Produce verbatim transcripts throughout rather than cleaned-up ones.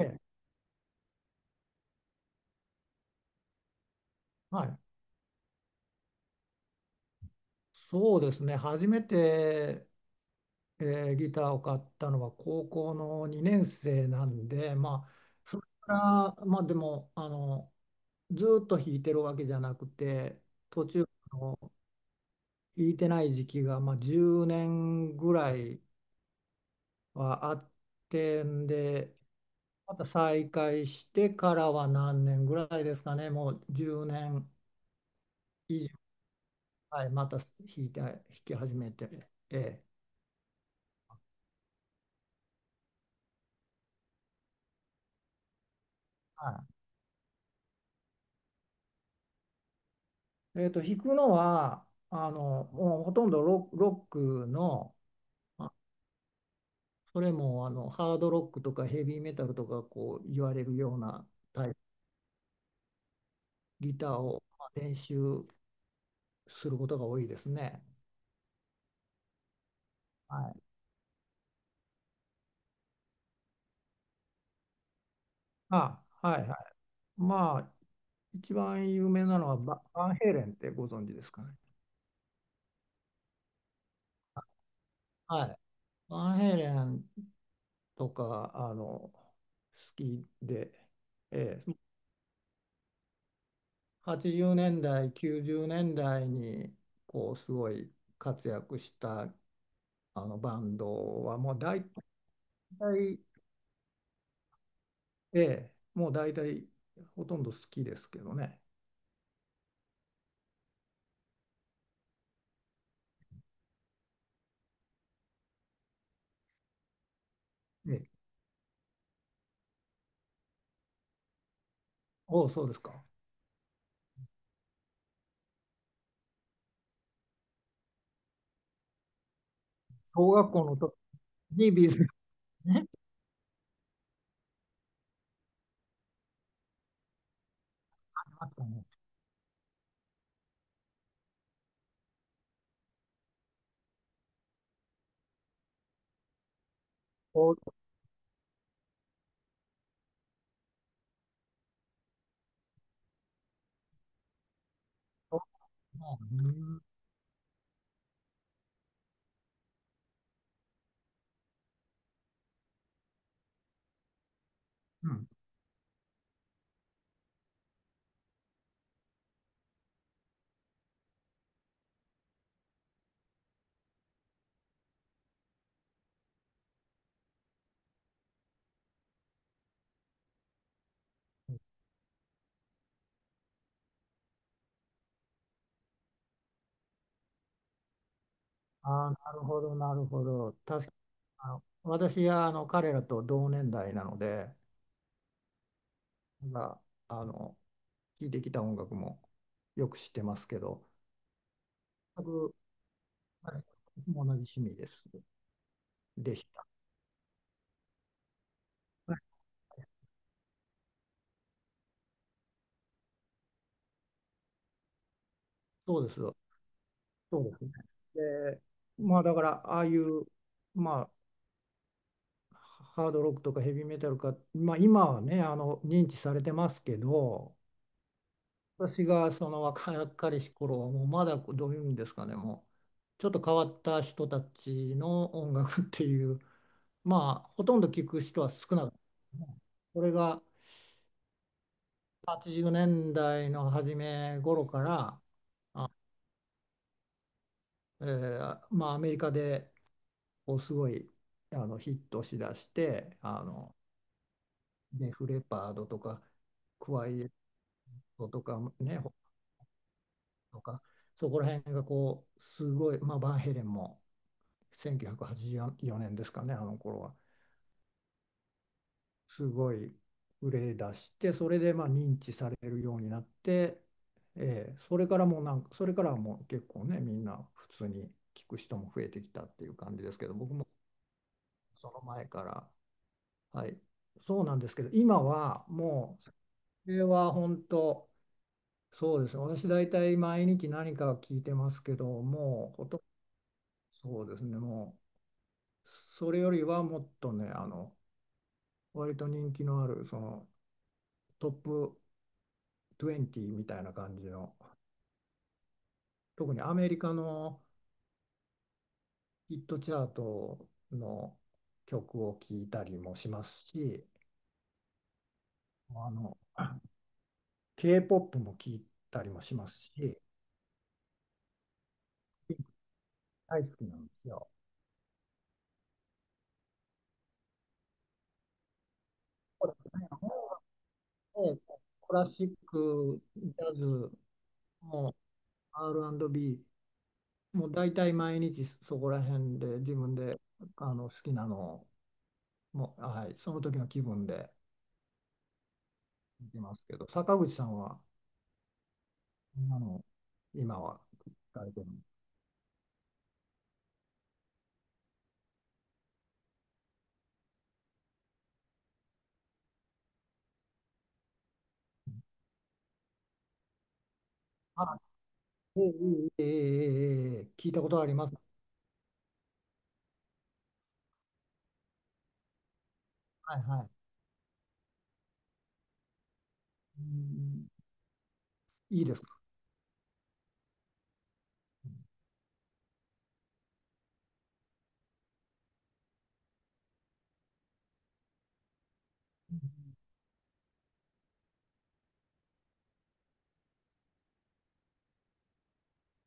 ええ、はい、そうですね。初めて、えーギターを買ったのは高校のにねんせい生なんで、まあ、それから、まあ、でもあのずーっと弾いてるわけじゃなくて、途中あの弾いてない時期が、まあ、じゅうねんぐらいはあってんで、また再開してからは何年ぐらいですかね、もうじゅうねん以上。はい、また弾いて、弾き始めて。ええ、はい。えっと、弾くのは、あの、もうほとんどロ、ロックの、あ、それもあのハードロックとかヘビーメタルとかこう言われるようなタイプ、ギターをまあ練習することが多いですね。はい。あ、はいはい。まあ、一番有名なのはバ、バンヘイレンってご存知ですかね。はい。バンヘイレンとか、あの、好きで、ええはちじゅうねんだい、きゅうじゅうねんだいにこうすごい活躍したあのバンドはもう大体、ええ、もう大体ほとんど好きですけどね。ええ、おう、そうですか。小学校の時にビーズがね、あったね。おう、そう、うん、うん。ああ、なるほど、なるほど。確かにあの私はあの彼らと同年代なので、まあ、あの、聴いてきた音楽もよく知ってますけど、全く。はい、私も同じ趣味です。でした。はい、そうです。そうですね。で、まあ、だから、ああいう、まあ、ハードロックとかヘビーメタルか、まあ今はね、あの、認知されてますけど、私がその若かりし頃は、もうまだどういうんですかね、もう、ちょっと変わった人たちの音楽っていう、まあ、ほとんど聞く人は少なかったですね。それがはちじゅうねんだいの初め頃から、えーあまあ、アメリカでこうすごいあのヒットしだしてあのデフレパードとかクワイエットとかね、ほとか、そこら辺がこうすごい、まあ、バンヘレンもせんきゅうひゃくはちじゅうよねんですかね、あの頃はすごい売れ出して、それでまあ認知されるようになって、えーそれからもうなんかそれからはもう結構ね、みんな普通に聞く人も増えてきたっていう感じですけど、僕もその前から。はい、そうなんですけど、今はもう、それは本当、そうですね、私大体毎日何か聞いてますけど、もうこと、そうですね、もう、それよりはもっとね、あの、割と人気のある、そのトップにじゅうみたいな感じの、特にアメリカのヒットチャートの曲を聞いたりもしますし、あの、K-ポップ も聞いたりもしますし、大好きなんですよ。もう、コラシック、ジャズ、もう、 アールアンドビー、もう大体毎日そこら辺で自分であの好きなのを、もう、はい、その時の気分でいますけど、坂口さんは、あの、今は聞かれてるの。あ、ええええええええ、聞いたことあります。はいはい。うん、いいですか。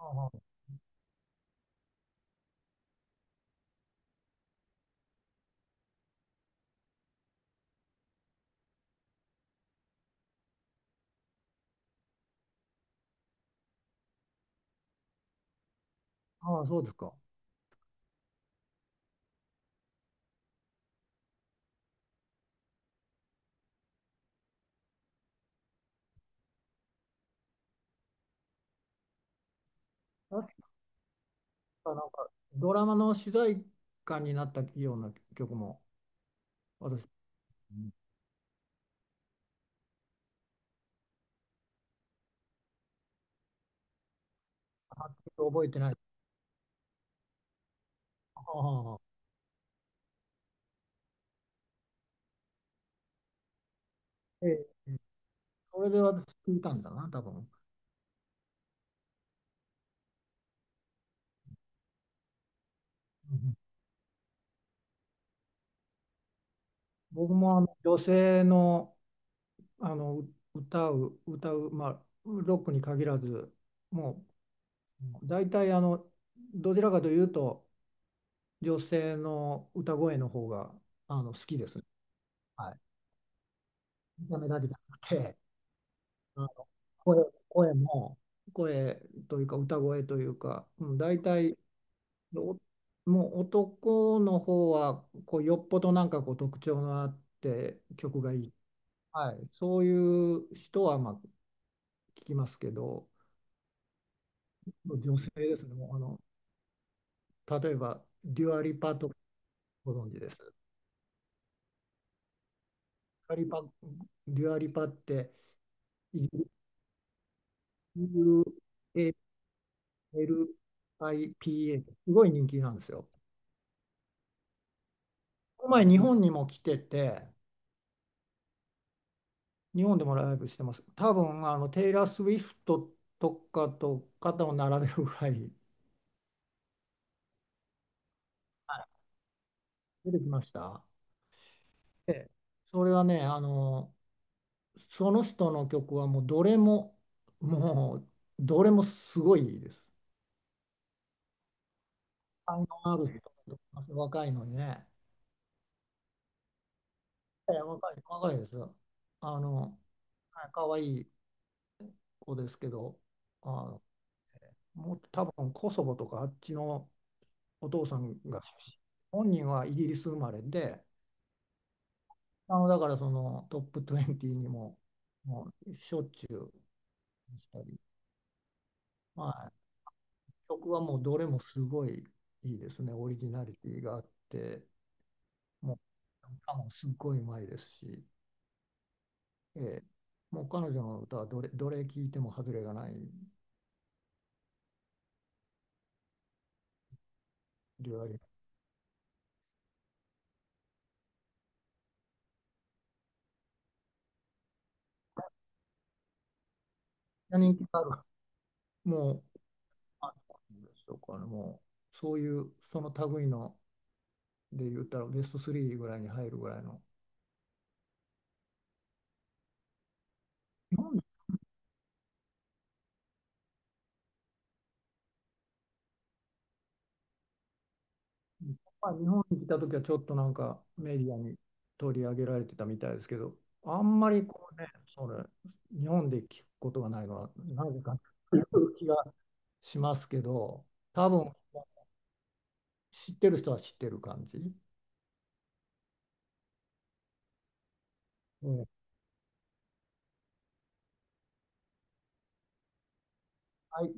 ああ、ああ、そうですか。確かなんかドラマの主題歌になったような曲も、私はっきりと覚えてない。ああ、ええ、それで私聞いたんだな、多分。うん、僕もあの女性の、あのう歌う、歌う、まあ、ロックに限らず、もう大体あの、どちらかというと、女性の歌声の方があの好きですね。はい。見た目だけじゃなくて、あの声、声も、声というか、歌声というか、うん、大体おもう男の方はこうよっぽどなんかこう特徴のあって曲がいい、はい、そういう人はまあ聞きますけど、女性ですね。もうあの例えばデュアリパとか、ご存知です。デュアリパ、デュアリパってイギリス、 エルアイピーエー、 すごい人気なんですよ。この前日本にも来てて、日本でもライブしてます。多分あのテイラー・スウィフトとかと肩を並べるぐらい。はい、出てきました。で、それはね、あの、その人の曲は、もうどれも、もうどれもすごいです。才能ある人だと思います、若いのにね。ええ、若い、若いです。あの、はい、可愛い子ですけど、あの、もう多分コソボとかあっちのお父さんが出身、本人はイギリス生まれで、あの、だからそのトップにじゅうにも、もうしょっちゅうしたり。はい、曲はもうどれもすごいいいですね。オリジナリティがあって、もう歌もすごいうまいですし、ええもう彼女の歌は、どれ、どれ聴いても外れがない。デュアリティ。人気がある。もう、あ、なんでしょうかね、もう、そういう、その類ので言ったらベストスリーぐらいに入るぐらいの、日本まあ、日本に来た時はちょっとなんかメディアに取り上げられてたみたいですけど、あんまりこうね、それ、日本で聞くことがないのは、なぜかという気がしますけど、多分知ってる人は知ってる感じ。うん、はい